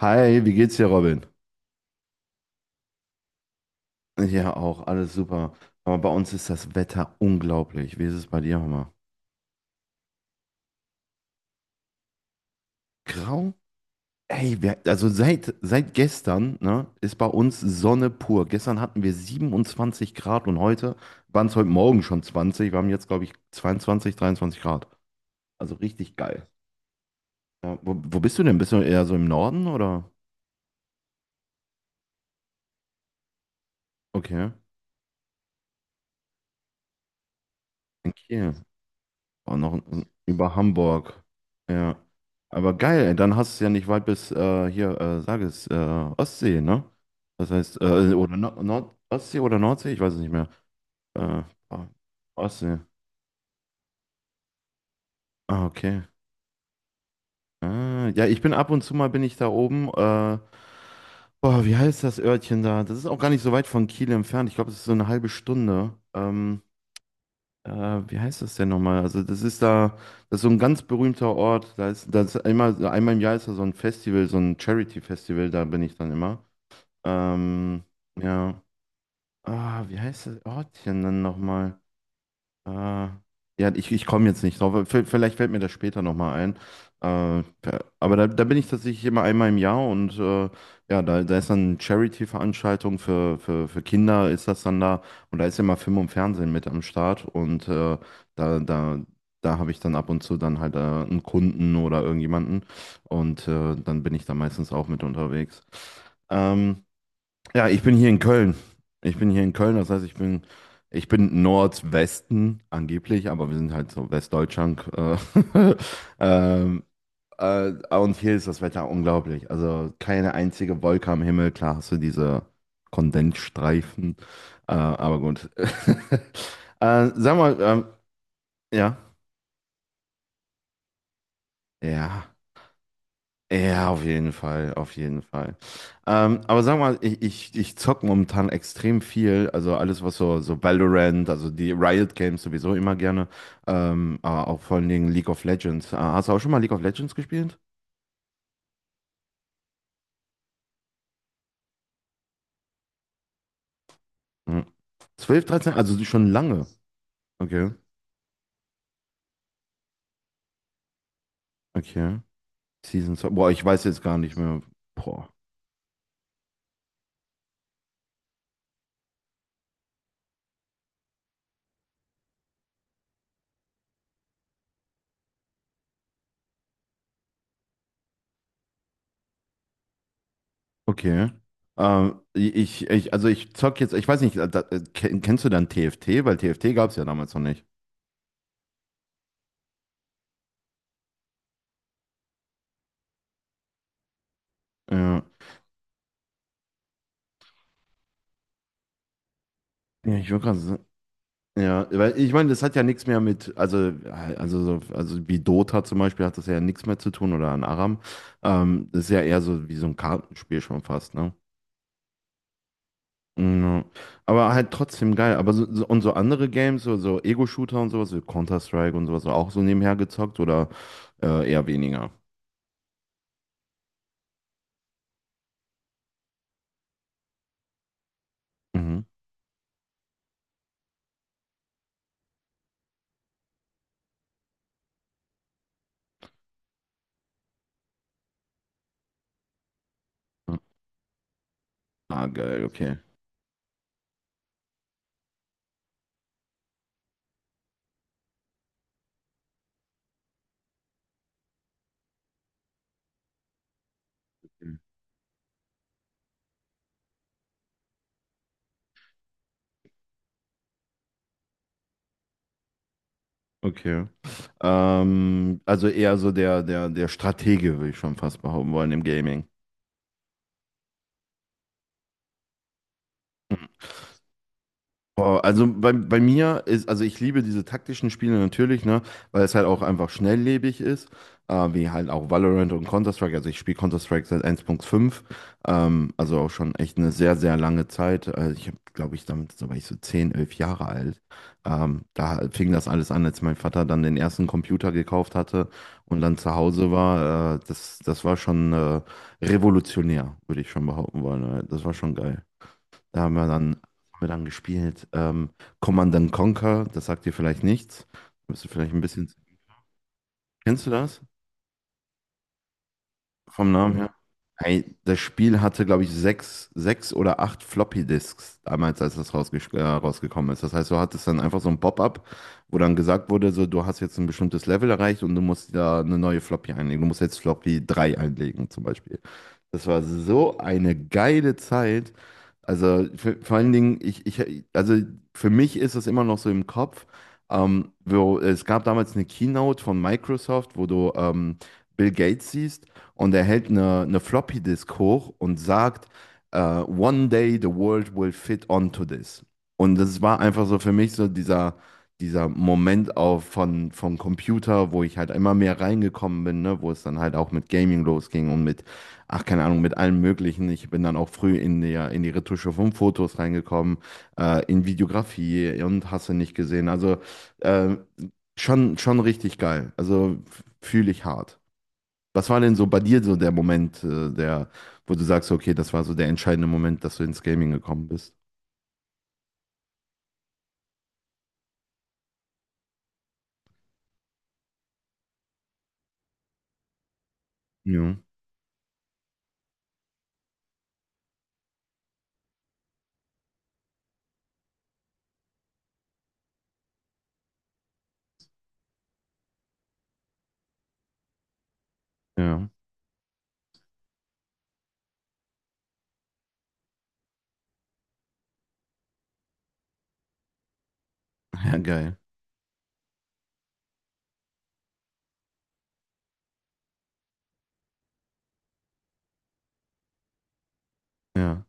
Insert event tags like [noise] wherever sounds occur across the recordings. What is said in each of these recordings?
Hi, wie geht's dir, Robin? Ja, auch, alles super. Aber bei uns ist das Wetter unglaublich. Wie ist es bei dir, Hammer? Grau? Ey, wir, also seit gestern, ne, ist bei uns Sonne pur. Gestern hatten wir 27 Grad und heute waren es heute Morgen schon 20. Wir haben jetzt, glaube ich, 22, 23 Grad. Also richtig geil. Ja, wo bist du denn? Bist du eher so im Norden oder? Okay. In Kiel. Oh, noch über Hamburg. Ja. Aber geil, ey, dann hast du es ja nicht weit bis hier, sag es, Ostsee, ne? Das heißt, oder Nord Ostsee oder Nordsee, ich weiß es nicht mehr. Äh, oh, Ostsee. Ah, okay. Ah, ja, ich bin ab und zu mal bin ich da oben. Boah, wie heißt das Örtchen da? Das ist auch gar nicht so weit von Kiel entfernt. Ich glaube, es ist so eine halbe Stunde. Äh, wie heißt das denn nochmal? Also, das ist so ein ganz berühmter Ort. Da ist einmal im Jahr ist da so ein Festival, so ein Charity-Festival, da bin ich dann immer. Ähm, ja. Ah, wie heißt das Ortchen dann nochmal? Äh, ja, ich komme jetzt nicht drauf, aber vielleicht fällt mir das später nochmal ein. Äh, ja, aber da bin ich tatsächlich immer einmal im Jahr und ja, da ist dann Charity-Veranstaltung für Kinder, ist das dann da. Und da ist immer Film und Fernsehen mit am Start. Und da, da, da habe ich dann ab und zu dann halt einen Kunden oder irgendjemanden. Und dann bin ich da meistens auch mit unterwegs. Ähm, ja, ich bin hier in Köln. Ich bin hier in Köln, das heißt, ich bin Nordwesten angeblich, aber wir sind halt so Westdeutschland. [laughs] Ähm, äh, und hier ist das Wetter unglaublich. Also keine einzige Wolke am Himmel. Klar hast du diese Kondensstreifen, aber gut. [laughs] Sag mal, ja, ja. Ja, auf jeden Fall, auf jeden Fall. Aber sag mal, ich zocke momentan extrem viel, also alles, was so Valorant, also die Riot Games sowieso immer gerne, aber auch vor allen Dingen League of Legends. Hast du auch schon mal League of Legends gespielt? Mhm. 12, 13, also schon lange. Okay, okay. Season 2 boah, ich weiß jetzt gar nicht mehr. Boah, okay. Also ich zock jetzt, ich weiß nicht, da, kennst du dann TFT? Weil TFT gab es ja damals noch nicht. Ja. Ja, ich würde gerade sagen. Ja, weil ich meine, das hat ja nichts mehr mit, also wie Dota zum Beispiel hat das ja nichts mehr zu tun oder an Aram. Das ist ja eher so wie so ein Kartenspiel schon fast, ne? Mm, ja. Aber halt trotzdem geil. Aber und so andere Games, so Ego-Shooter und sowas, wie Counter-Strike und sowas, auch so nebenher gezockt oder eher weniger? Mhm. Ja. Ah, geil, okay. Okay. Also eher so der Stratege, würde ich schon fast behaupten wollen, im Gaming. Boah, also bei mir ist, also ich liebe diese taktischen Spiele natürlich, ne, weil es halt auch einfach schnelllebig ist, wie halt auch Valorant und Counter-Strike. Also ich spiele Counter-Strike seit 1.5, also auch schon echt eine sehr, sehr lange Zeit. Also ich habe, glaube ich, damit, da war ich so 10, 11 Jahre alt. Da fing das alles an, als mein Vater dann den ersten Computer gekauft hatte und dann zu Hause war. Das war schon revolutionär, würde ich schon behaupten wollen. Das war schon geil. Da haben wir dann gespielt. Command and Conquer, das sagt dir vielleicht nichts. Bist du vielleicht ein bisschen. Kennst du das? Vom Namen her? Hey, das Spiel hatte, glaube ich, sechs, sechs oder acht Floppy-Disks damals, als das rausgekommen ist. Das heißt, du hattest dann einfach so ein Pop-up, wo dann gesagt wurde, so, du hast jetzt ein bestimmtes Level erreicht und du musst da eine neue Floppy einlegen. Du musst jetzt Floppy 3 einlegen, zum Beispiel. Das war so eine geile Zeit. Also vor allen Dingen, also für mich ist es immer noch so im Kopf. Es gab damals eine Keynote von Microsoft, wo du Bill Gates siehst und er hält eine Floppy Disk hoch und sagt, One day the world will fit onto this. Und das war einfach so für mich so dieser Moment vom Computer, wo ich halt immer mehr reingekommen bin, ne, wo es dann halt auch mit Gaming losging und mit ach, keine Ahnung, mit allem Möglichen. Ich bin dann auch früh in die Retusche von Fotos reingekommen, in Videografie und hast du nicht gesehen. Also äh, schon richtig geil. Also fühle ich hart. Was war denn so bei dir so der Moment, wo du sagst, okay, das war so der entscheidende Moment, dass du ins Gaming gekommen bist? Ja, ja. [laughs] Ja, geil. Ja,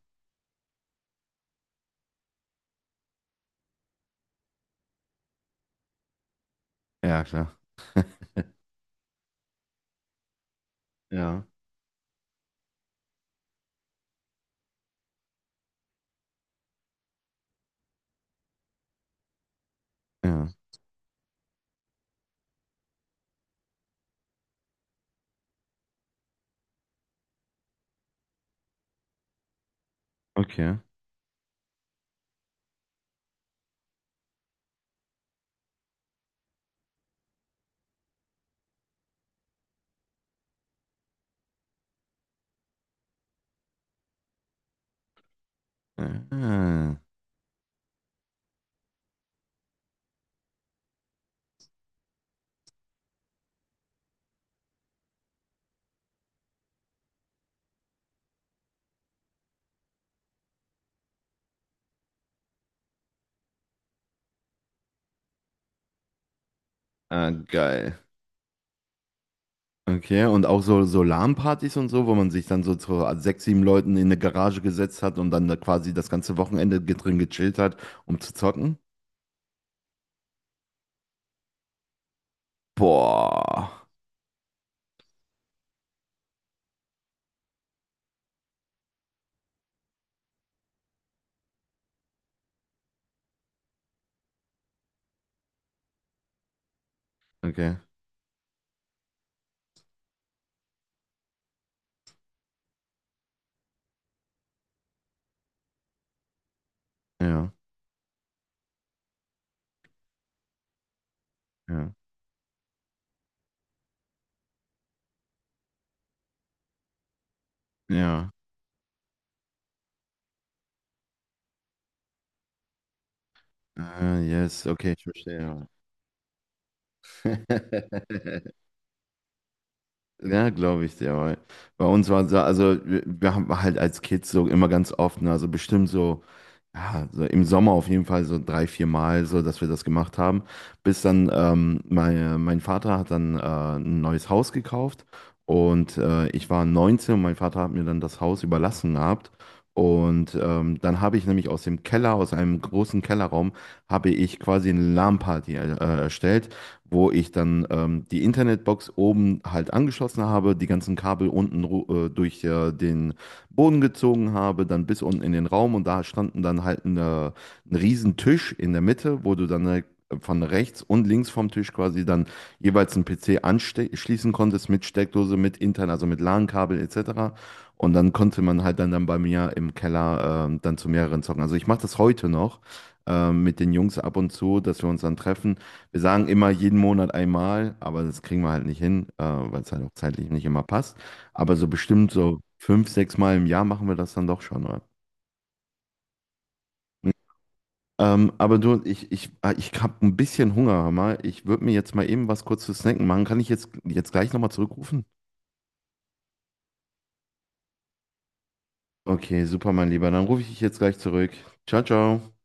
ja, klar. Ja, ja. Okay. Ja. Ah, ah, geil. Okay, und auch so LAN-Partys und so, wo man sich dann so zu sechs, sieben Leuten in eine Garage gesetzt hat und dann da quasi das ganze Wochenende drin gechillt hat, um zu zocken? Boah. Okay, ja, ja, ja. Ah, yes, okay, ich verstehe. [laughs] Ja, glaube ich dir, weil bei uns war so, also wir haben halt als Kids so immer ganz oft, ne, also bestimmt so, ja, so im Sommer auf jeden Fall so drei, vier Mal so, dass wir das gemacht haben, bis dann mein Vater hat dann ein neues Haus gekauft und ich war 19 und mein Vater hat mir dann das Haus überlassen gehabt und dann habe ich nämlich aus dem Keller, aus einem großen Kellerraum, habe ich quasi eine LAN-Party erstellt, wo ich dann die Internetbox oben halt angeschlossen habe, die ganzen Kabel unten durch den Boden gezogen habe, dann bis unten in den Raum und da standen dann halt ein riesen Tisch in der Mitte, wo du dann von rechts und links vom Tisch quasi dann jeweils einen PC anschließen konntest mit Steckdose, mit intern, also mit LAN-Kabel etc. Und dann konnte man halt dann, bei mir im Keller dann zu mehreren zocken. Also ich mache das heute noch mit den Jungs ab und zu, dass wir uns dann treffen. Wir sagen immer jeden Monat einmal, aber das kriegen wir halt nicht hin, weil es halt auch zeitlich nicht immer passt. Aber so bestimmt so fünf, sechs Mal im Jahr machen wir das dann doch schon, oder? Aber du, ah, ich habe ein bisschen Hunger, hör mal. Ich würde mir jetzt mal eben was kurz zu snacken machen. Kann ich jetzt gleich nochmal zurückrufen? Okay, super, mein Lieber. Dann rufe ich dich jetzt gleich zurück. Ciao, ciao.